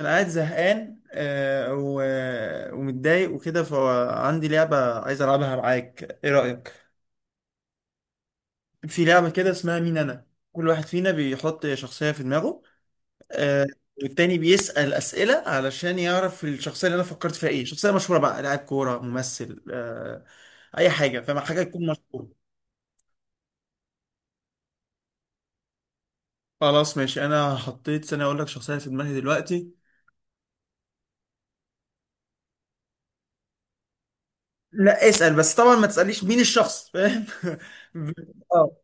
انا قاعد زهقان ومتضايق وكده، فعندي لعبة عايز العبها معاك، ايه رأيك؟ في لعبة كده اسمها مين انا. كل واحد فينا بيحط شخصية في دماغه. آه. والتاني بيسأل أسئلة علشان يعرف الشخصية اللي انا فكرت فيها ايه، شخصية مشهورة بقى، لاعب كورة، ممثل، اي حاجة، فما حاجة تكون مشهورة. خلاص ماشي، انا حطيت، سنة اقول لك شخصية في دماغي دلوقتي. لا اسأل بس، طبعا ما تسأليش مين الشخص، فاهم؟ اه،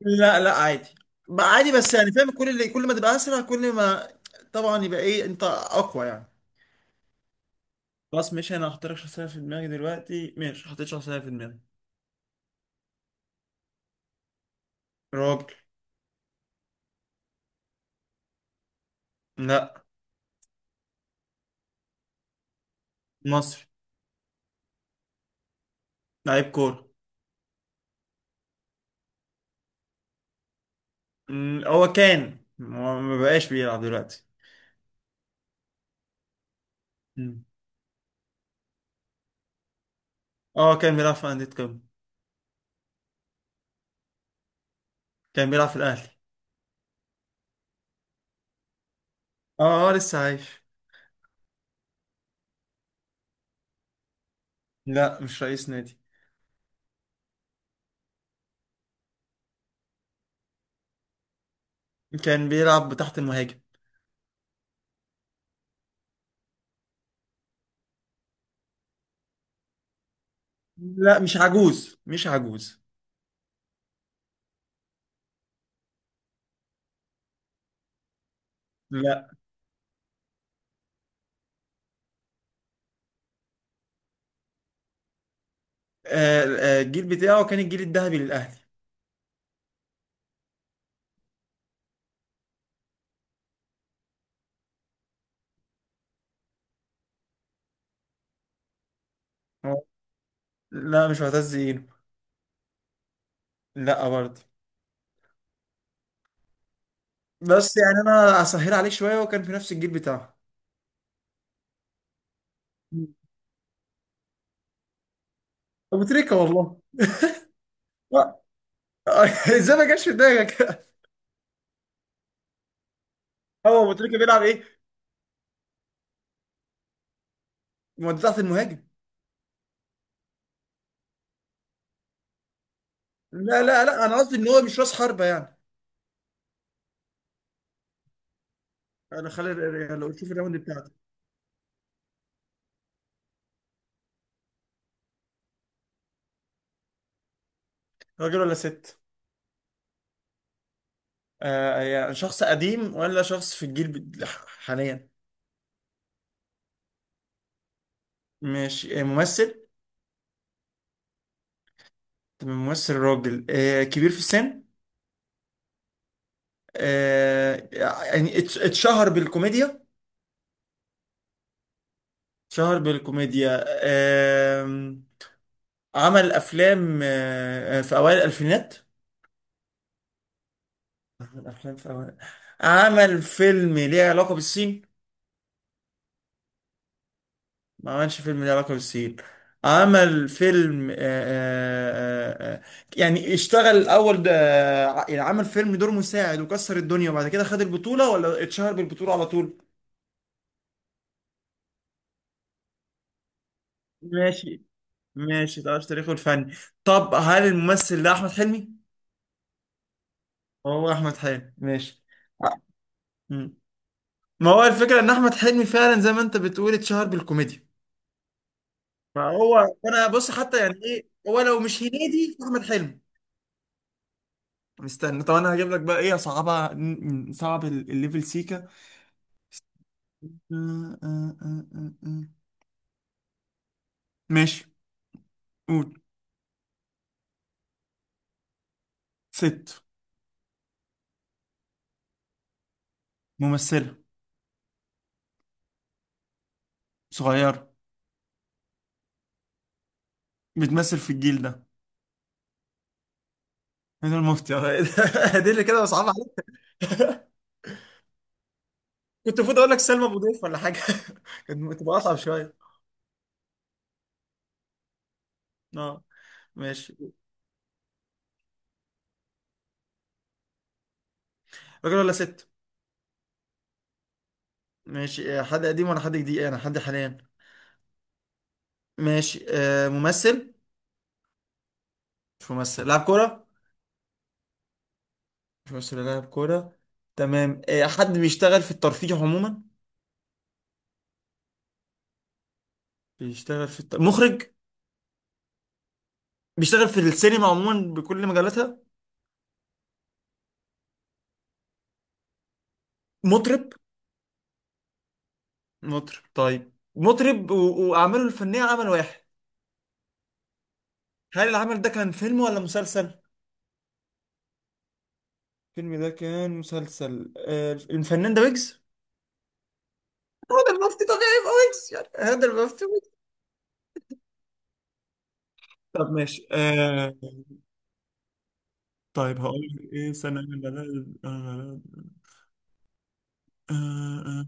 لا لا عادي، ما عادي بس يعني فاهم، كل ما تبقى اسرع، كل ما طبعا يبقى ايه، انت اقوى يعني. خلاص ماشي، انا هختار لك شخصيه في دماغي دلوقتي، ماشي حطيت شخصيه في دماغي. راجل. لا. مصري. لعيب كوره. هو ما بقاش بيلعب دلوقتي. مم. اه كان بيلعب في انديه قمه. كان بيلعب في الاهلي. اه اه لسه عايش. لا مش رئيس نادي. كان بيلعب تحت المهاجم. لا مش عجوز مش عجوز. لا. الجيل بتاعه كان الجيل الذهبي للاهلي. آه. لا مش معتز اينو. لا برضه. بس يعني انا اسهل عليك شويه، وكان في نفس الجيل بتاعه. ابو تريكه والله. لا. ازاي ما جاش في دماغك؟ هو ابو تريكه بيلعب ايه؟ مودي تحت المهاجم. لا لا لا، انا قصدي ان هو مش راس حربه يعني. انا خلي، لو شوف الراوند بتاعته. راجل ولا ست؟ آه يعني شخص قديم ولا شخص في الجيل حاليا؟ مش ممثل. تمام، ممثل راجل، آه كبير في السن. آه يعني اتشهر بالكوميديا، شهر بالكوميديا. عمل افلام في اوائل الالفينات. عمل افلام في اوائل. عمل فيلم ليه علاقة بالصين. ما عملش فيلم ليه علاقة بالصين. عمل فيلم آه، آه، يعني اشتغل الاول ده. يعني عمل فيلم دور مساعد وكسر الدنيا، وبعد كده خد البطولة ولا اتشهر بالبطولة على طول. ماشي ماشي، تعرف تاريخه الفني. طب هل الممثل ده احمد حلمي؟ هو احمد حلمي، ماشي. ما هو الفكره ان احمد حلمي فعلا زي ما انت بتقول اتشهر بالكوميديا. فهو، انا بص حتى يعني ايه هو لو مش هنيدي، احمد حلمي. استنى، طب انا هجيب لك بقى ايه صعبه. صعب الليفل سيكا. آه. ماشي قول. ست. ممثله. صغيره. بتمثل في الجيل ده. هنا المفتي أهو. دي اللي كده صعبه عليك. كنت المفروض اقول لك سلمى ابو ضيف ولا حاجه. كانت تبقى اصعب شويه. اه ماشي. راجل ولا ست؟ ماشي، حد قديم ولا حد جديد؟ انا حد حاليا. ماشي آه ممثل. مش ممثل، لاعب كورة. مش ممثل ولا لاعب كورة. تمام، آه حد بيشتغل في الترفيه عموما. بيشتغل في مخرج. بيشتغل في السينما عموما بكل مجالاتها. مطرب. مطرب طيب، مطرب وأعماله الفنية عمل واحد. هل العمل ده كان فيلم ولا مسلسل؟ الفيلم ده كان مسلسل. آه الفنان ده ويجز. هو ده المفتي طبيعي يبقى ويجز يعني، هذا المفتي ويجز. طب ماشي طيب هقول لك ايه. سنة.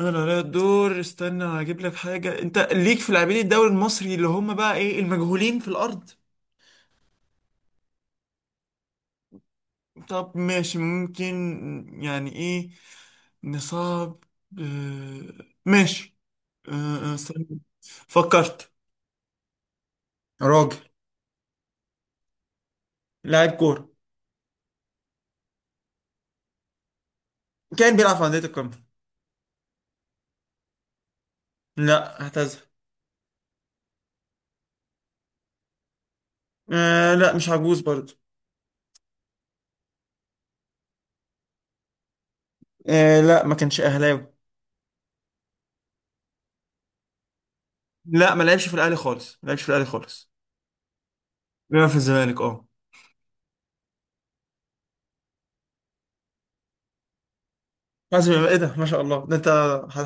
انا على الدور، استنى هجيب لك حاجه انت، ليك في لاعبين الدوري المصري اللي هم بقى ايه، المجهولين في الارض. طب ماشي ممكن، يعني ايه، نصاب. آه ماشي آه استنى فكرت. راجل. لاعب كوره. كان بيلعب في انديه القمه. لا اعتزل. آه لا مش عجوز برضه. آه لا ما كانش اهلاوي. لا ما لعبش في الاهلي خالص، ما لعبش في الاهلي خالص. بيلعب في الزمالك اه. حازم امام، ايه ده، ما شاء الله، ده انت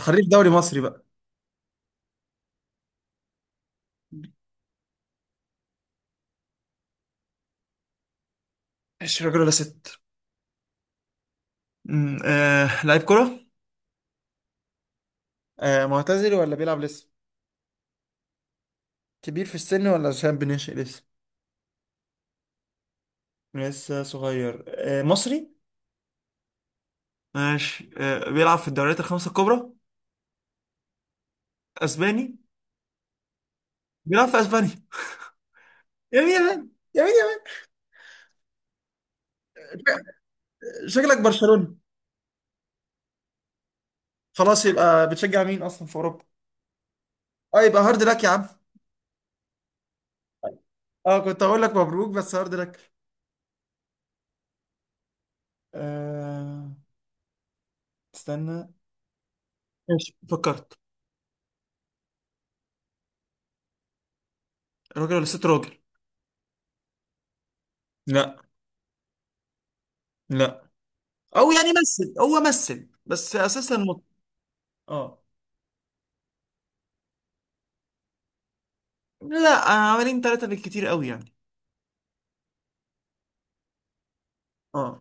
حريف دوري مصري بقى. مش راجل ولا ست؟ آه لعيب كرة. آه معتزل ولا بيلعب لسه؟ كبير في السن ولا شاب بنشئ لسه؟ لسه صغير. آه مصري. ماشي آه بيلعب في الدوريات الخمسة الكبرى. اسباني. بيلعب في اسبانيا. يمين يمين، يمين يمين. شكلك برشلونة. خلاص يبقى بتشجع مين اصلا في اوروبا؟ اه يبقى هارد لك يا عم. اه كنت هقول لك مبروك بس هارد لك. آه استنى. ماشي فكرت. راجل ولا ست؟ راجل. لا. لا. او يعني مثل، هو مثل بس اساسا اه. لا عملين ثلاثة بالكتير قوي يعني. اه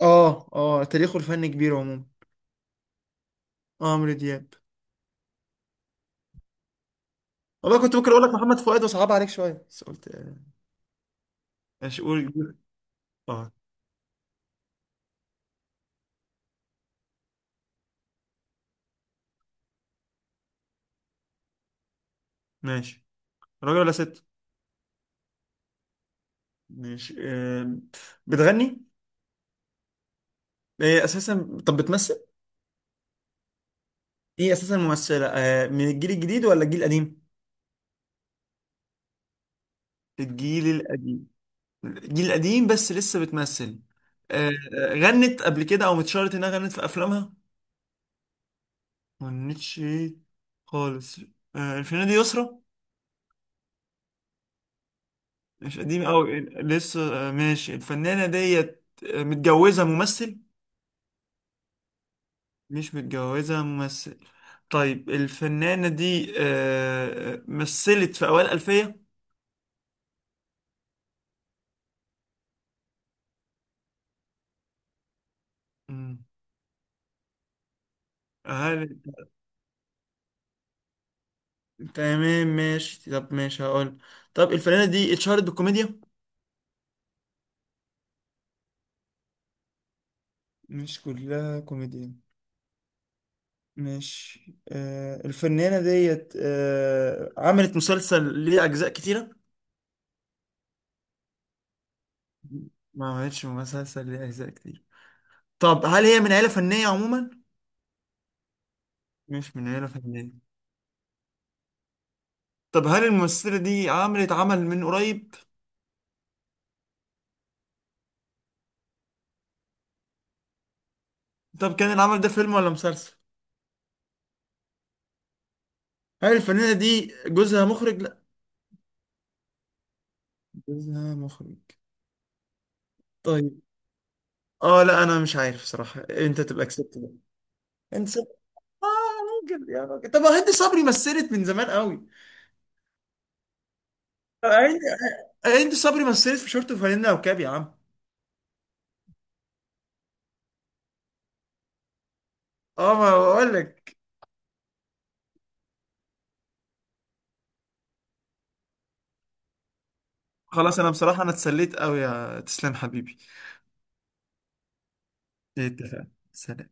اه اه، تاريخه الفني كبير عموما. اه، عمرو دياب. والله كنت ممكن اقول لك محمد فؤاد وصعب عليك شويه، بس قلت آه. ماشي قول. اه. ماشي. راجل ولا ست؟ ماشي آه. بتغني. هي اساسا طب بتمثل. ايه اساسا ممثله آه. من الجيل الجديد ولا الجيل القديم؟ الجيل القديم. الجيل القديم بس لسه بتمثل. غنت قبل كده او متشارت انها غنت في افلامها. ما غنتش ايه. خالص. آه الفنانة دي يسرا. مش قديمة أوي لسه. آه ماشي الفنانة ديت، متجوزة ممثل. مش متجوزة ممثل. طيب الفنانة دي آه مثلت في أوائل الألفية. مم. هل، تمام ماشي، طب ماشي هقول، طب الفنانة دي اتشهرت بالكوميديا. مش كلها كوميديا. ماشي آه الفنانة ديت آه عملت مسلسل ليه أجزاء كتيرة. ما عملتش مسلسل ليه أجزاء كتير. طب هل هي من عيلة فنية عموما؟ مش من عيلة فنية. طب هل الممثلة دي عملت عمل من قريب؟ طب كان العمل ده فيلم ولا مسلسل؟ هل الفنانة دي جوزها مخرج؟ لا. جوزها مخرج؟ طيب، اه لا انا مش عارف صراحة، انت تبقى كسبت بقى. انت اه، راجل يا راجل، طب هند صبري مثلت من زمان قوي. هند، هند صبري مثلت في شورت وفانلة وكاب يا عم. اه ما بقول لك. خلاص انا بصراحة، انا اتسليت قوي، يا تسلم حبيبي. اتفقنا. سلام.